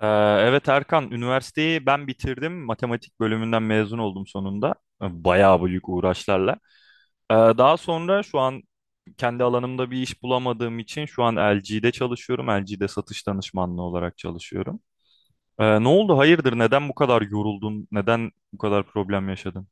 Ee, Evet Erkan, üniversiteyi ben bitirdim. Matematik bölümünden mezun oldum sonunda. Bayağı büyük uğraşlarla. Daha sonra şu an kendi alanımda bir iş bulamadığım için şu an LG'de çalışıyorum. LG'de satış danışmanlığı olarak çalışıyorum. Ne oldu? Hayırdır? Neden bu kadar yoruldun? Neden bu kadar problem yaşadın?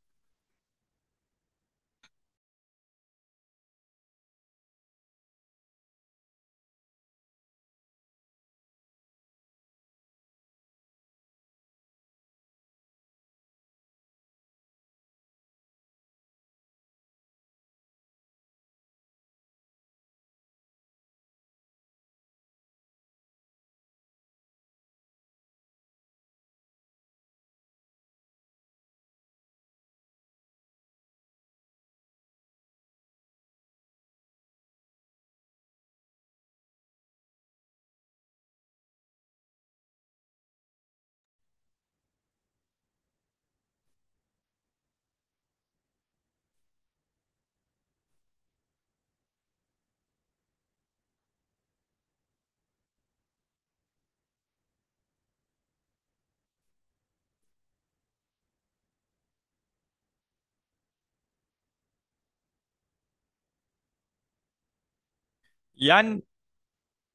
Yani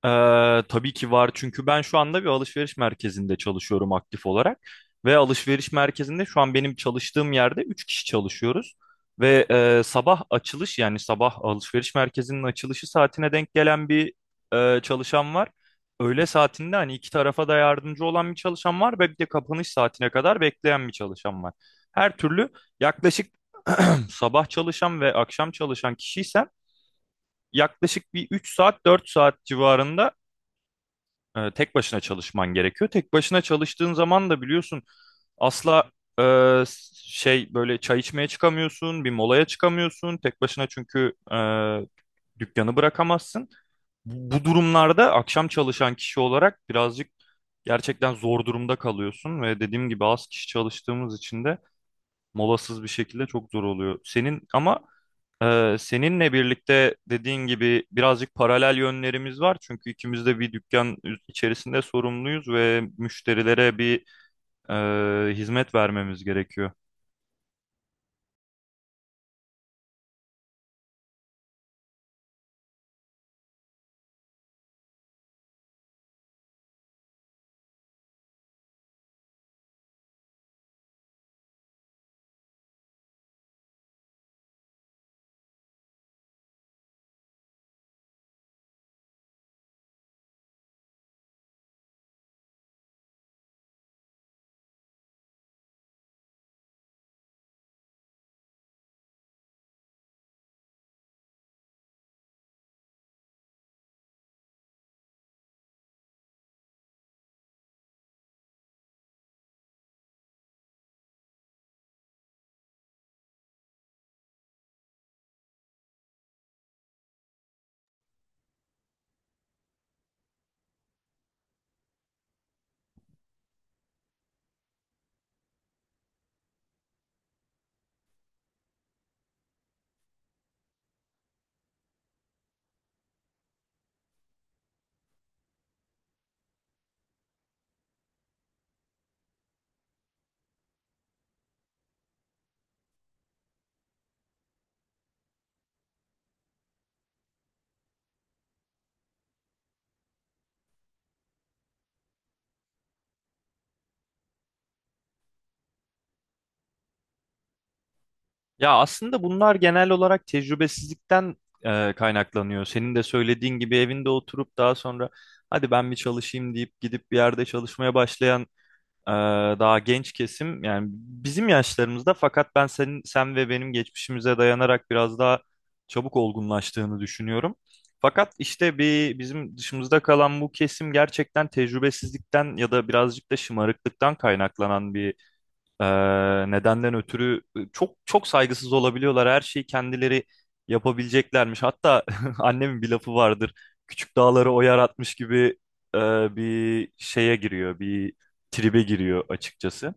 Tabii ki var çünkü ben şu anda bir alışveriş merkezinde çalışıyorum aktif olarak ve alışveriş merkezinde şu an benim çalıştığım yerde 3 kişi çalışıyoruz ve sabah açılış yani sabah alışveriş merkezinin açılışı saatine denk gelen bir çalışan var. Öğle saatinde hani iki tarafa da yardımcı olan bir çalışan var ve bir de kapanış saatine kadar bekleyen bir çalışan var. Her türlü yaklaşık sabah çalışan ve akşam çalışan kişiysem yaklaşık bir 3 saat 4 saat civarında tek başına çalışman gerekiyor. Tek başına çalıştığın zaman da biliyorsun asla e, şey böyle çay içmeye çıkamıyorsun, bir molaya çıkamıyorsun. Tek başına çünkü dükkanı bırakamazsın. Bu durumlarda akşam çalışan kişi olarak birazcık gerçekten zor durumda kalıyorsun ve dediğim gibi az kişi çalıştığımız için de molasız bir şekilde çok zor oluyor. Senin ama seninle birlikte dediğin gibi birazcık paralel yönlerimiz var. Çünkü ikimiz de bir dükkan içerisinde sorumluyuz ve müşterilere bir hizmet vermemiz gerekiyor. Ya aslında bunlar genel olarak tecrübesizlikten kaynaklanıyor. Senin de söylediğin gibi evinde oturup daha sonra hadi ben bir çalışayım deyip gidip bir yerde çalışmaya başlayan Ee, daha genç kesim yani bizim yaşlarımızda fakat ben sen ve benim geçmişimize dayanarak biraz daha çabuk olgunlaştığını düşünüyorum. Fakat işte bir bizim dışımızda kalan bu kesim gerçekten tecrübesizlikten ya da birazcık da şımarıklıktan kaynaklanan bir ee, nedenden ötürü çok çok saygısız olabiliyorlar. Her şeyi kendileri yapabileceklermiş. Hatta annemin bir lafı vardır. Küçük dağları o yaratmış gibi e, bir şeye giriyor, bir tribe giriyor açıkçası.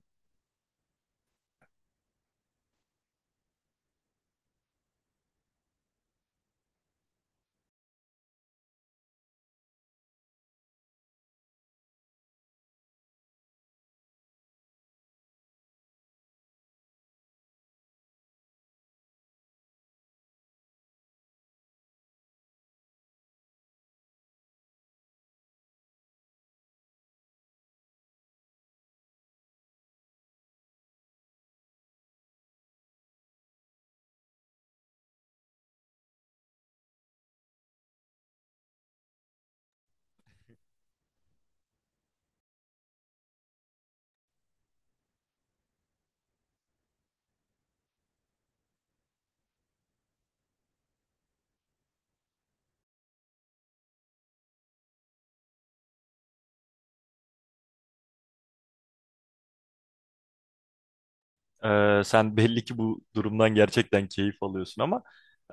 Sen belli ki bu durumdan gerçekten keyif alıyorsun ama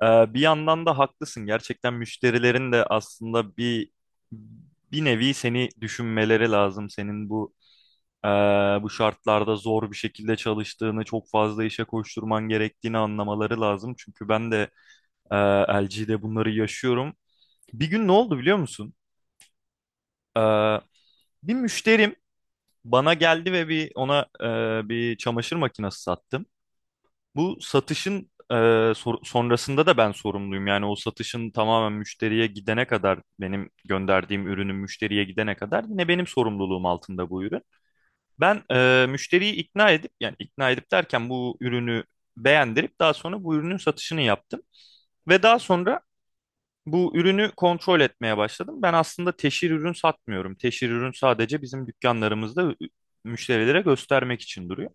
bir yandan da haklısın. Gerçekten müşterilerin de aslında bir nevi seni düşünmeleri lazım. Senin bu e, bu şartlarda zor bir şekilde çalıştığını, çok fazla işe koşturman gerektiğini anlamaları lazım. Çünkü ben de e, LG'de bunları yaşıyorum. Bir gün ne oldu biliyor musun? E, Bir müşterim bana geldi ve bir ona bir çamaşır makinesi sattım. Bu satışın sonrasında da ben sorumluyum. Yani o satışın tamamen müşteriye gidene kadar benim gönderdiğim ürünün müşteriye gidene kadar yine benim sorumluluğum altında bu ürün. Ben müşteriyi ikna edip yani ikna edip derken bu ürünü beğendirip daha sonra bu ürünün satışını yaptım. Ve daha sonra bu ürünü kontrol etmeye başladım. Ben aslında teşhir ürün satmıyorum. Teşhir ürün sadece bizim dükkanlarımızda müşterilere göstermek için duruyor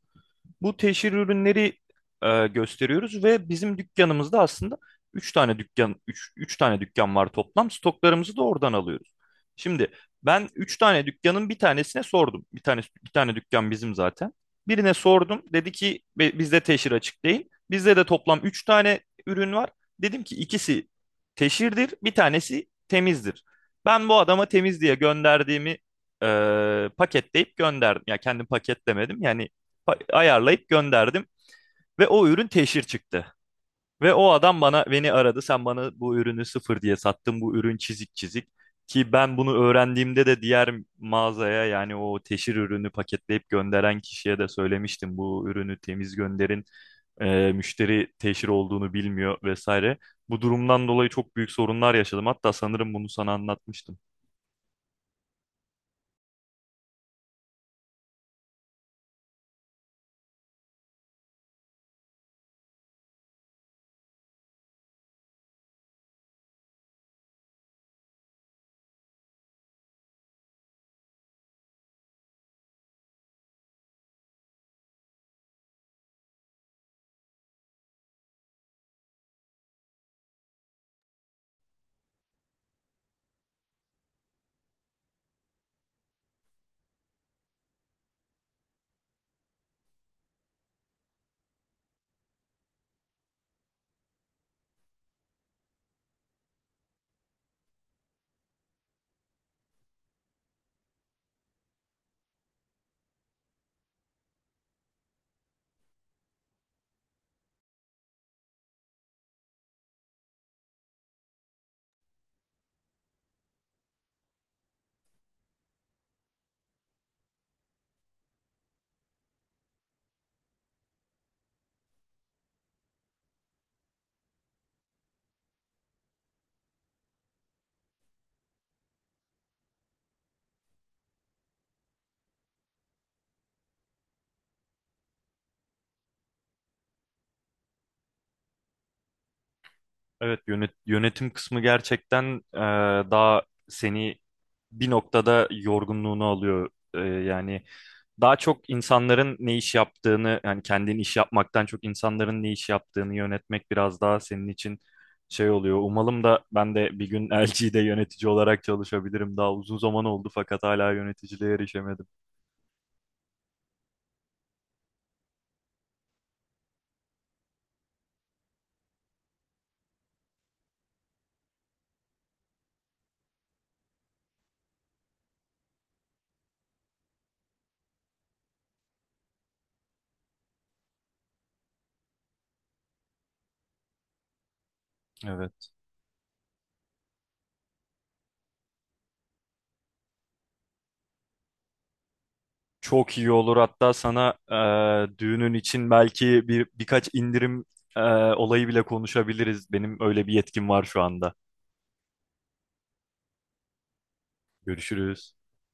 bu teşhir ürünleri gösteriyoruz ve bizim dükkanımızda aslında 3 tane dükkan var toplam. Stoklarımızı da oradan alıyoruz. Şimdi ben 3 tane dükkanın bir tanesine sordum. Bir tane dükkan bizim zaten. Birine sordum. Dedi ki bizde teşhir açık değil. Bizde de toplam 3 tane ürün var. Dedim ki ikisi teşhirdir, bir tanesi temizdir. Ben bu adama temiz diye gönderdiğimi paketleyip gönderdim. Ya kendim paketlemedim. Yani ayarlayıp gönderdim ve o ürün teşhir çıktı. Ve o adam beni aradı. Sen bana bu ürünü sıfır diye sattın. Bu ürün çizik çizik. Ki ben bunu öğrendiğimde de diğer mağazaya yani o teşhir ürünü paketleyip gönderen kişiye de söylemiştim. Bu ürünü temiz gönderin. Müşteri teşhir olduğunu bilmiyor vesaire. Bu durumdan dolayı çok büyük sorunlar yaşadım. Hatta sanırım bunu sana anlatmıştım. Evet, yönetim kısmı gerçekten e, daha seni bir noktada yorgunluğunu alıyor. E, yani daha çok insanların ne iş yaptığını yani kendin iş yapmaktan çok insanların ne iş yaptığını yönetmek biraz daha senin için şey oluyor. Umalım da ben de bir gün LG'de yönetici olarak çalışabilirim. Daha uzun zaman oldu fakat hala yöneticiliğe erişemedim. Evet. Çok iyi olur. Hatta sana düğünün için belki birkaç indirim olayı bile konuşabiliriz. Benim öyle bir yetkim var şu anda. Görüşürüz.